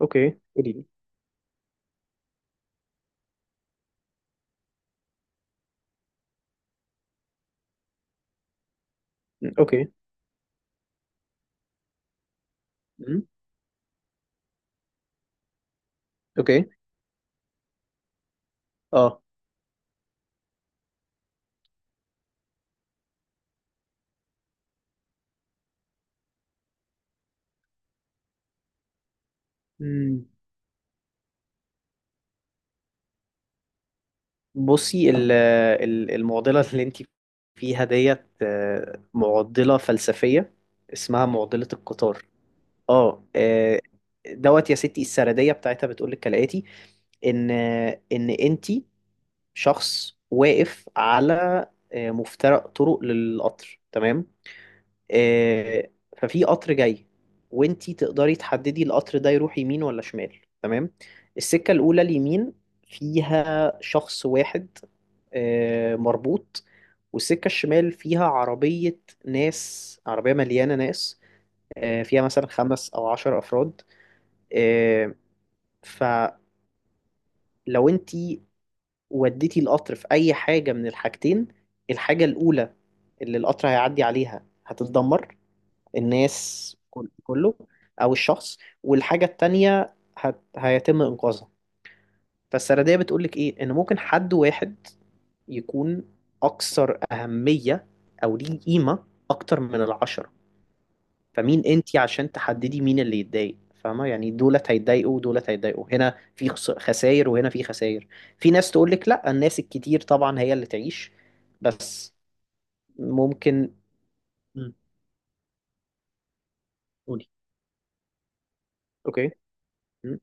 اوكي، قولي لي. اوكي. مم. اوكي. اه مم. بصي، المعضله اللي انت فيها ديت معضله فلسفيه اسمها معضله القطار. اه آه، دوت يا ستي، السرديه بتاعتها بتقول لك كالاتي: ان انت شخص واقف على مفترق طرق للقطر، تمام. آه، ففي قطر جاي، وانتي تقدري تحددي القطر ده يروح يمين ولا شمال، تمام. السكة الأولى، اليمين، فيها شخص واحد مربوط، والسكة الشمال فيها عربية، ناس، عربية مليانة ناس، فيها مثلا خمس أو عشر أفراد. آه، فلو انتي وديتي القطر في أي حاجة من الحاجتين، الحاجة الأولى اللي القطر هيعدي عليها هتتدمر، الناس كله، او الشخص. والحاجه التانيه هيتم انقاذها. فالسرديه بتقول لك ايه؟ ان ممكن حد واحد يكون اكثر اهميه او ليه قيمه اكتر من العشره. فمين انتي عشان تحددي مين اللي يتضايق؟ فاهمه؟ يعني دولت هيتضايقوا ودولت هيتضايقوا، هنا في خساير وهنا في خساير. في ناس تقول لك لا، الناس الكتير طبعا هي اللي تعيش، بس ممكن... مم. قولي. اوكي. مم.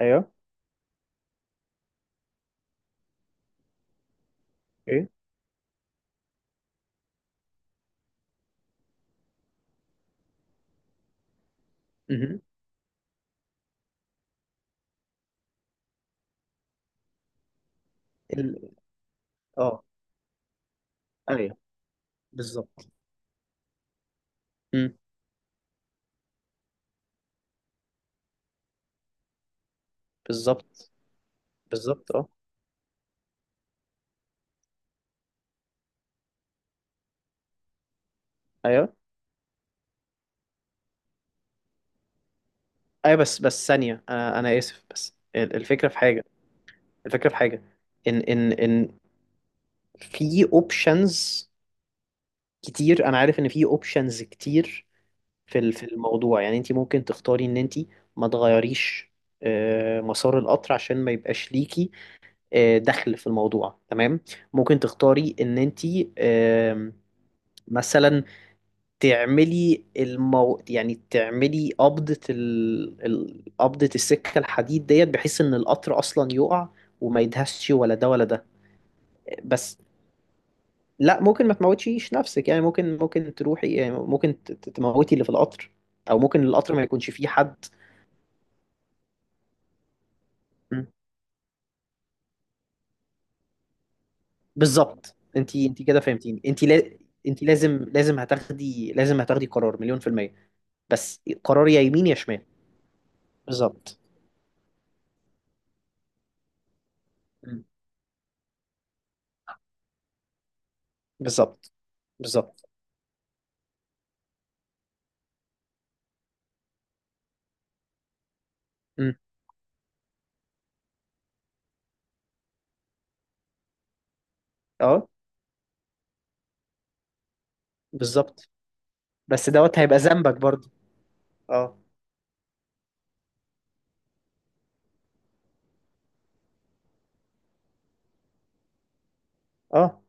ايوه. ايه. مهم. اه. ايوه، بالظبط. امم بالظبط. بالظبط. اه. ايوه. ايوه، بس ثانيه، انا اسف، بس الفكره في حاجه. الفكره في حاجه ان في اوبشنز كتير. انا عارف ان في اوبشنز كتير في الموضوع. يعني انت ممكن تختاري ان انت ما تغيريش مسار القطر عشان ما يبقاش ليكي دخل في الموضوع، تمام. ممكن تختاري ان انت مثلا تعملي يعني تعملي قبضة قبضة السكة الحديد ديت بحيث ان القطر اصلا يقع، وما يدهسش ولا ده ولا ده. بس لا، ممكن ما تموتيش نفسك. يعني ممكن تروحي، يعني ممكن تموتي اللي في القطر، او ممكن القطر ما يكونش فيه حد. م. بالظبط، انت كده فهمتيني. انت لا... انت لازم هتاخدي قرار مليون في المية، بس قرار يا يمين يا شمال. بالظبط. م. بالظبط. بالظبط. م. اه. بالظبط، بس دوت هيبقى ذنبك برضه. اه. اه.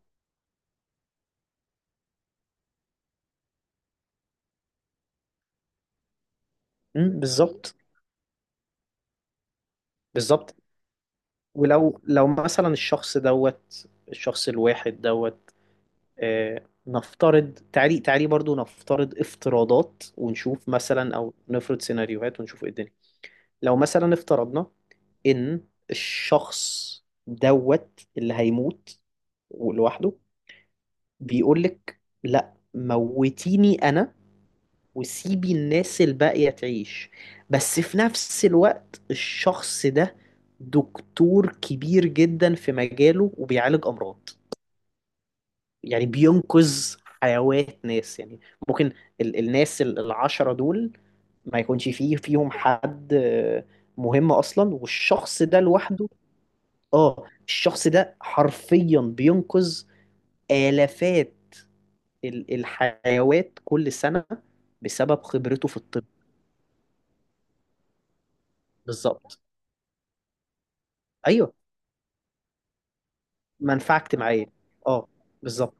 بالظبط. بالظبط. ولو مثلا الشخص دوت، الشخص الواحد دوت، نفترض. تعالي تعالي برضو، نفترض افتراضات ونشوف، مثلا، او نفرض سيناريوهات ونشوف ايه الدنيا. لو مثلا افترضنا ان الشخص دوت اللي هيموت لوحده بيقول لك: لا، موتيني انا وسيبي الناس الباقية تعيش. بس في نفس الوقت الشخص ده دكتور كبير جدا في مجاله وبيعالج أمراض. يعني بينقذ حيوات ناس. يعني ممكن الناس العشرة دول ما يكونش فيهم حد مهم أصلا، والشخص ده لوحده. اه، الشخص ده حرفيا بينقذ آلافات الحيوات كل سنة بسبب خبرته في الطب. بالظبط. ايوه. منفعه اجتماعيه. اه. بالظبط.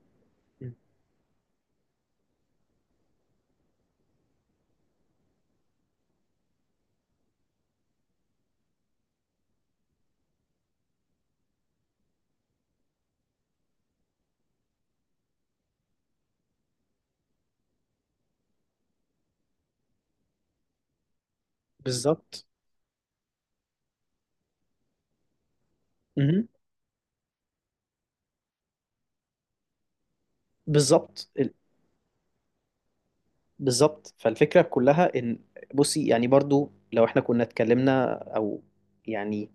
بالظبط. مهم. بالظبط. فالفكرة كلها إن... بصي، يعني برضو لو إحنا كنا اتكلمنا، أو يعني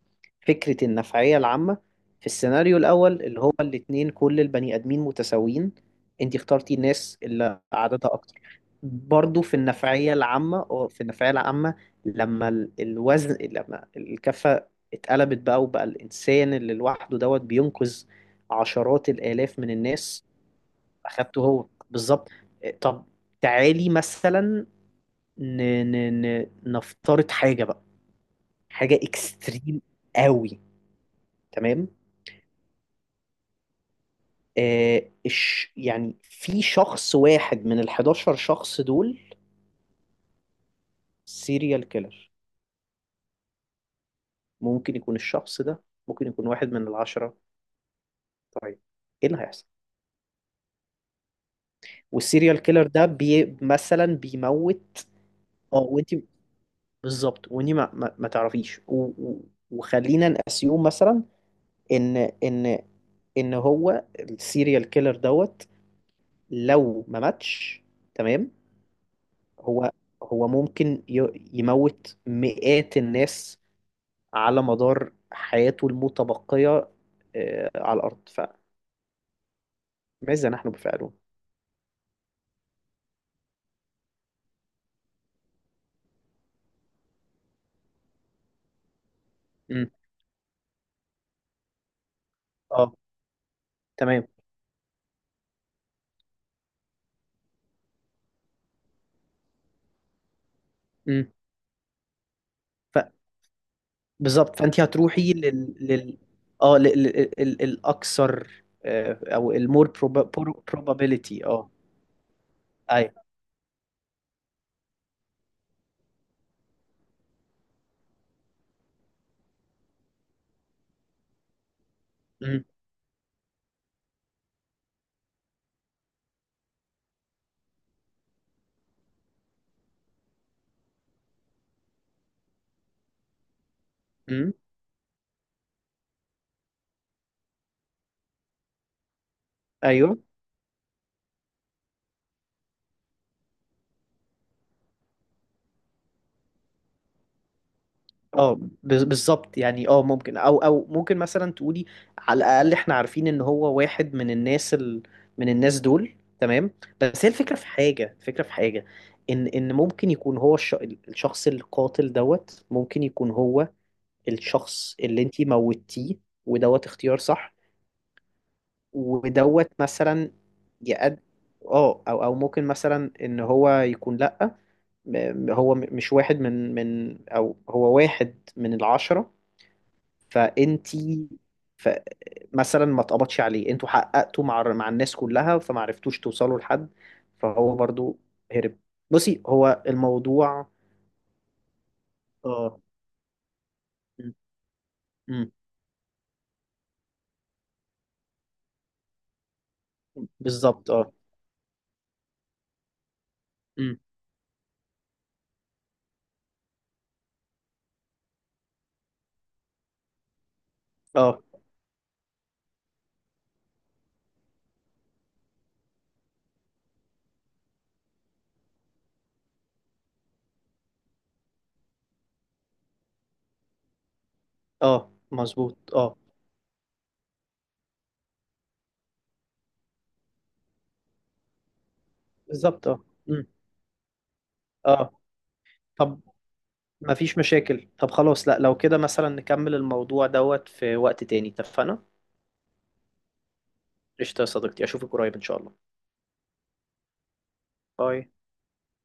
فكرة النفعية العامة في السيناريو الأول، اللي هو الاتنين كل البني آدمين متساويين، أنت اخترتي الناس اللي عددها أكتر. برضو في النفعية العامة، لما ال- الوزن لما الكفة اتقلبت بقى وبقى الإنسان اللي لوحده دوت بينقذ عشرات الآلاف من الناس. اخدته هو، بالظبط. طب تعالي مثلا، ن... نفترض حاجه بقى، حاجه اكستريم قوي. تمام. يعني في شخص واحد من ال 11 شخص دول سيريال كيلر. ممكن يكون الشخص ده. ممكن يكون واحد من العشرة، طيب. ايه اللي هيحصل؟ والسيريال كيلر ده مثلا بيموت. اه، وانت بالظبط. وانت ما تعرفيش. وخلينا نأسيوم مثلا ان هو السيريال كيلر دوت، لو ما ماتش، تمام. هو هو ممكن يموت مئات الناس على مدار حياته المتبقية على الأرض. فماذا نحن بفعله؟ مم. اه. تمام. مم. ف بالظبط، فأنت هتروحي لل الأكثر، أو المور probability. اه. أيوه. مم. مم. أيوه. بالظبط. يعني ممكن، او ممكن مثلا تقولي: على الاقل احنا عارفين ان هو واحد من الناس من الناس دول، تمام. بس هي الفكره في حاجه. الفكره في حاجه ان ممكن يكون هو الشخص القاتل دوت. ممكن يكون هو الشخص اللي انتي موتيه. ودوت اختيار صح. ودوت مثلا يقد اه او ممكن مثلا ان هو يكون لا، مش واحد من او هو واحد من العشرة. فانتي ف... مثلا ما اتقبضش عليه. انتوا حققتوا مع الناس كلها فما عرفتوش توصلوا لحد، فهو برضو هرب. بصي هو الموضوع. اه. م- م. بالظبط. اه. م. اه. اه، مظبوط. اه. بالظبط. اه. م. اه. طب ما فيش مشاكل. طب خلاص. لا، لو كده مثلا نكمل الموضوع دوت في وقت تاني، اتفقنا؟ قشطة يا صديقتي. اشوفك قريب ان شاء الله. باي.